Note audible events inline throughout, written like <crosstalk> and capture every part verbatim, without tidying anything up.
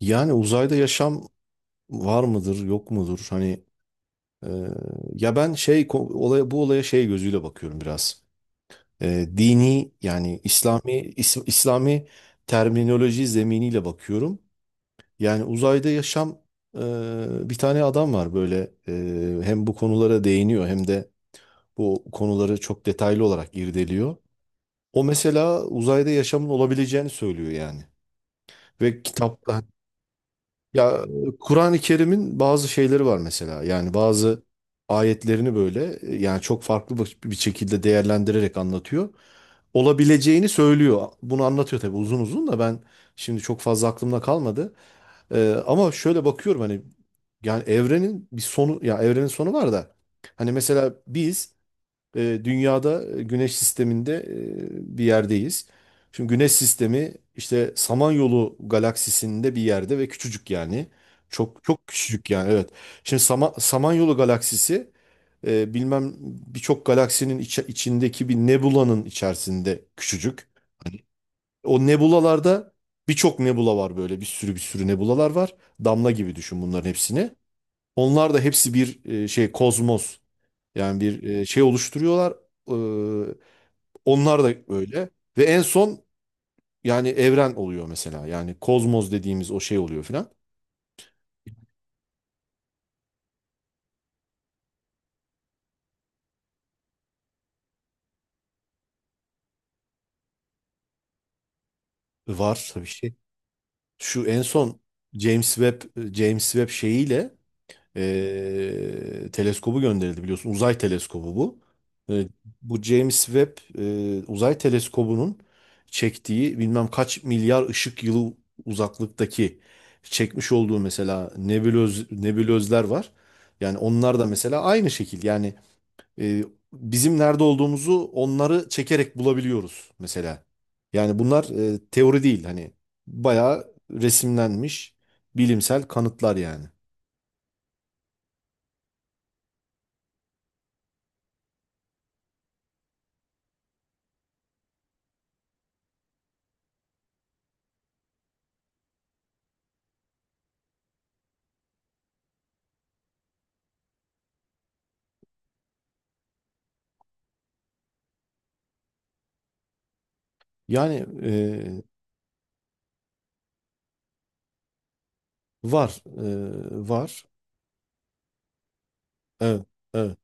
Yani uzayda yaşam var mıdır, yok mudur? Hani e, ya ben şey ko- olaya bu olaya şey gözüyle bakıyorum biraz. E, dini yani İslami is- İslami terminoloji zeminiyle bakıyorum. Yani uzayda yaşam e, Bir tane adam var böyle e, hem bu konulara değiniyor hem de bu konuları çok detaylı olarak irdeliyor. O mesela uzayda yaşamın olabileceğini söylüyor yani. Ve kitap Ya Kur'an-ı Kerim'in bazı şeyleri var mesela. Yani bazı ayetlerini böyle e, yani çok farklı bir bir şekilde değerlendirerek anlatıyor. Olabileceğini söylüyor. Bunu anlatıyor tabii uzun uzun da ben şimdi çok fazla aklımda kalmadı. Ee, ama şöyle bakıyorum hani yani evrenin bir sonu ya evrenin sonu var da hani mesela biz e, dünyada e, güneş sisteminde e, bir yerdeyiz. Şimdi güneş sistemi işte Samanyolu galaksisinde bir yerde ve küçücük yani. Çok çok küçücük yani evet. Şimdi Sama- Samanyolu galaksisi e, bilmem birçok galaksinin içi- içindeki bir nebulanın içerisinde küçücük. Hani o nebulalarda birçok nebula var böyle bir sürü bir sürü nebulalar var. Damla gibi düşün bunların hepsini. Onlar da hepsi bir e, şey kozmos. Yani bir e, şey oluşturuyorlar. Ee, Onlar da öyle. Ve en son yani evren oluyor mesela. Yani kozmos dediğimiz o şey oluyor filan. Var tabii şey. Şu en son James Webb e, James Webb şeyiyle e, teleskobu gönderildi biliyorsun. Uzay teleskobu bu. E, Bu James Webb e, uzay teleskobunun çektiği bilmem kaç milyar ışık yılı uzaklıktaki çekmiş olduğu mesela nebulöz, nebulözler var. Yani onlar da mesela aynı şekil. Yani e, bizim nerede olduğumuzu onları çekerek bulabiliyoruz mesela. Yani bunlar e, teori değil hani bayağı resimlenmiş bilimsel kanıtlar yani. Yani var, e, var. Evet, evet.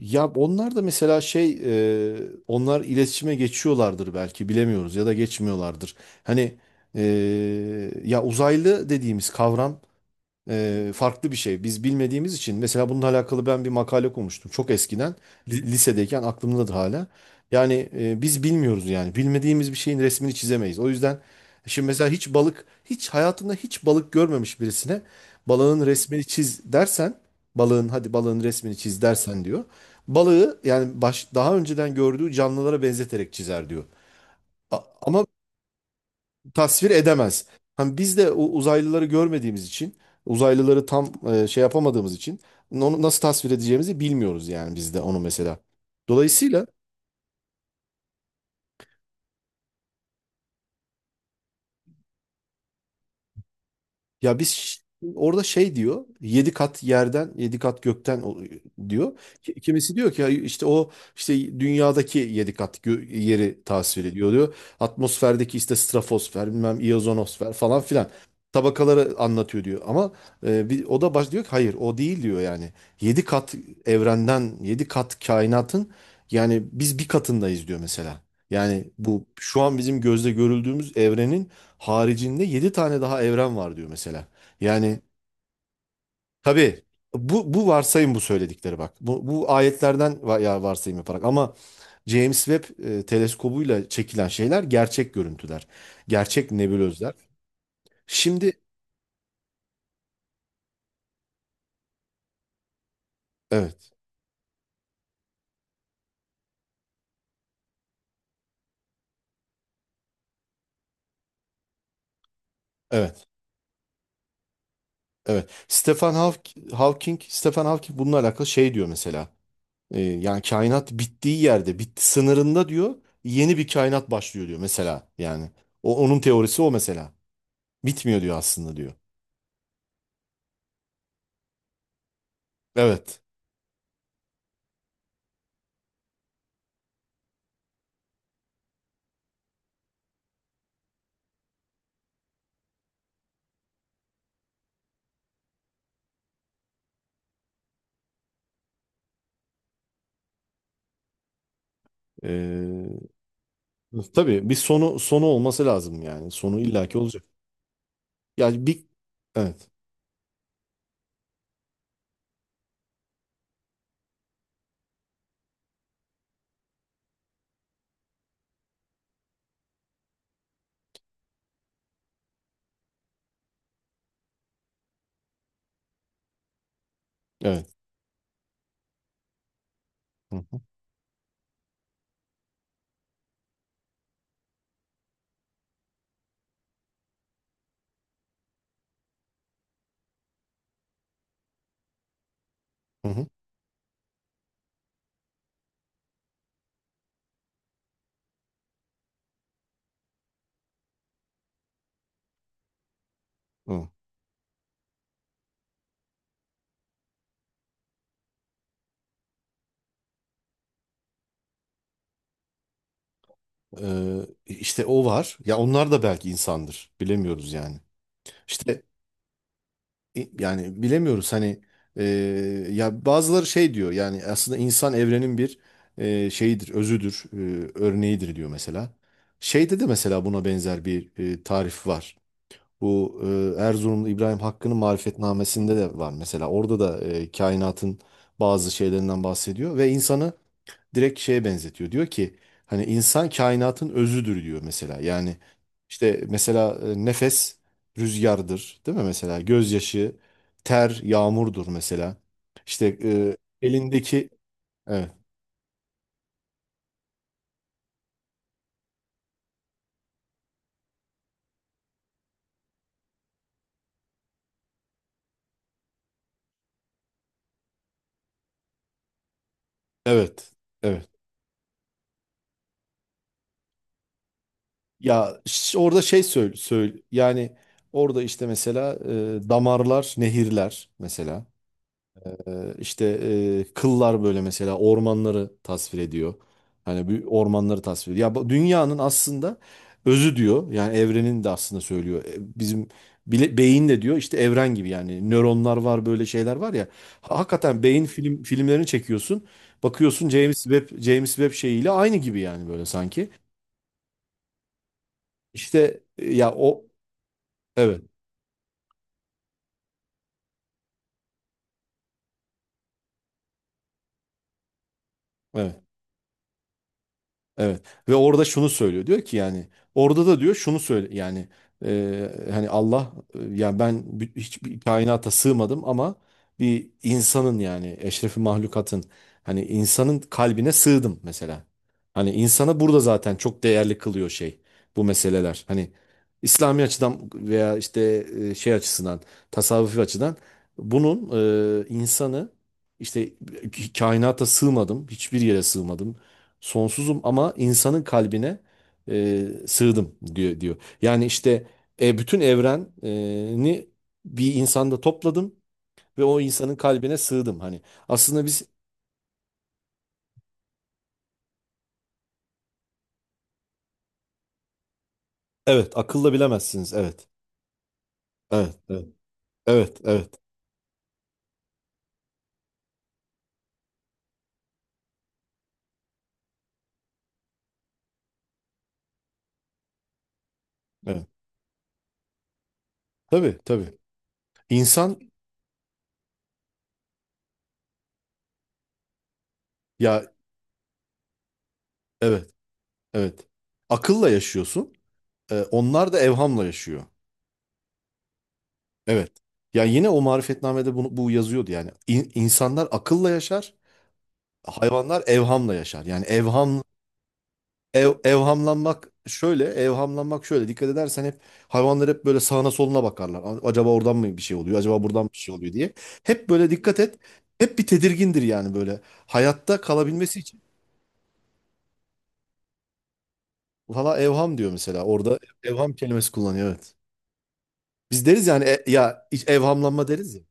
Ya onlar da mesela şey, e, onlar iletişime geçiyorlardır belki bilemiyoruz ya da geçmiyorlardır. Hani e, Ya uzaylı dediğimiz kavram e, farklı bir şey. Biz bilmediğimiz için mesela bununla alakalı ben bir makale okumuştum çok eskiden li- lisedeyken aklımdadır hala. Yani e, biz bilmiyoruz yani bilmediğimiz bir şeyin resmini çizemeyiz. O yüzden şimdi mesela hiç balık hiç hayatında hiç balık görmemiş birisine balığın resmini çiz dersen balığın hadi balığın resmini çiz dersen diyor. Balığı yani baş, daha önceden gördüğü canlılara benzeterek çizer diyor. A- Ama tasvir edemez. Hani biz de o uzaylıları görmediğimiz için, uzaylıları tam e, şey yapamadığımız için onu nasıl tasvir edeceğimizi bilmiyoruz yani biz de onu mesela. Dolayısıyla ya biz ş- orada şey diyor. Yedi kat yerden, yedi kat gökten o- diyor. Ki- Kimisi diyor ki ya işte o işte dünyadaki yedi kat gö- yeri tasvir ediyor diyor. Atmosferdeki işte stratosfer, bilmem iyozonosfer falan filan tabakaları anlatıyor diyor. Ama e, bir, o da baş diyor ki hayır o değil diyor yani. Yedi kat evrenden, yedi kat kainatın yani biz bir katındayız diyor mesela. Yani bu şu an bizim gözle görüldüğümüz evrenin haricinde yedi tane daha evren var diyor mesela. Yani tabii bu, bu varsayım bu söyledikleri bak. Bu, bu ayetlerden va- ya varsayım yaparak ama James Webb e, teleskobuyla çekilen şeyler gerçek görüntüler. Gerçek nebulözler. Şimdi evet, evet, evet. Stephen Hawk- Hawking, Stephen Hawking bununla alakalı şey diyor mesela. E, yani kainat bittiği yerde, bitti sınırında diyor, yeni bir kainat başlıyor diyor mesela. Yani o onun teorisi o mesela. Bitmiyor diyor aslında diyor. Evet. Ee, tabii bir sonu sonu olması lazım yani. Sonu illaki olacak. Yani bir evet. Evet. Hı hı. Hı hı. Hı. Ee, işte o var. Ya onlar da belki insandır. Bilemiyoruz yani. İşte i- yani bilemiyoruz hani e, ya bazıları şey diyor yani aslında insan evrenin bir e, şeyidir, özüdür, e, örneğidir diyor mesela. Şeyde de mesela buna benzer bir e, tarif var. Bu e, Erzurumlu İbrahim Hakkı'nın Marifetnamesinde de var mesela. Orada da e, kainatın bazı şeylerinden bahsediyor ve insanı direkt şeye benzetiyor. Diyor ki hani insan kainatın özüdür diyor mesela. Yani işte mesela e, nefes rüzgardır değil mi mesela? Gözyaşı, ter, yağmurdur mesela. İşte e, elindeki evet evet evet. Ya ş- orada şey söyle, söyle yani orada işte mesela e, damarlar, nehirler mesela. Ee, işte e, kıllar böyle mesela ormanları tasvir ediyor. Hani bir ormanları tasvir ediyor. Ya bu dünyanın aslında özü diyor. Yani evrenin de aslında söylüyor. E, Bizim bile, beyin de diyor işte evren gibi yani nöronlar var böyle şeyler var ya. Ha- Hakikaten beyin film filmlerini çekiyorsun. Bakıyorsun James Webb James Webb şeyiyle aynı gibi yani böyle sanki. İşte e, ya o evet evet. Evet ve orada şunu söylüyor diyor ki yani orada da diyor şunu söyle yani e, hani Allah e, yani ben bi- hiçbir kainata sığmadım ama bir insanın yani eşrefi mahlukatın hani insanın kalbine sığdım mesela. Hani insana burada zaten çok değerli kılıyor şey bu meseleler. Hani İslami açıdan veya işte e, şey açısından tasavvufi açıdan bunun e, insanı işte kainata sığmadım hiçbir yere sığmadım sonsuzum ama insanın kalbine e, sığdım diyor, diyor. Yani işte e, bütün evreni bir insanda topladım ve o insanın kalbine sığdım. Hani aslında biz evet akılla bilemezsiniz. Evet. Evet. Evet. Evet. Evet. Evet. Tabii tabii. İnsan ya evet. Evet. Akılla yaşıyorsun. E, onlar da evhamla yaşıyor. Evet. Yani yine o marifetnamede bunu, bu yazıyordu yani. İn- insanlar akılla yaşar. Hayvanlar evhamla yaşar. Yani evham Ev, evhamlanmak şöyle, evhamlanmak şöyle. Dikkat edersen hep hayvanlar hep böyle sağına soluna bakarlar. A- Acaba oradan mı bir şey oluyor? Acaba buradan bir şey oluyor diye. Hep böyle dikkat et. Hep bir tedirgindir yani böyle. Hayatta kalabilmesi için. Valla evham diyor mesela. Orada evham kelimesi kullanıyor evet. Biz deriz yani e- ya hiç evhamlanma deriz ya.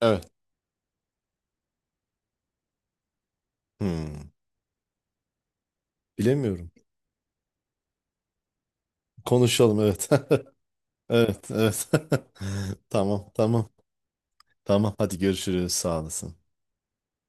Evet. Hmm, bilemiyorum. Konuşalım evet. <laughs> Evet, evet. <laughs> Tamam, tamam. Tamam. Hadi görüşürüz. Sağ olasın.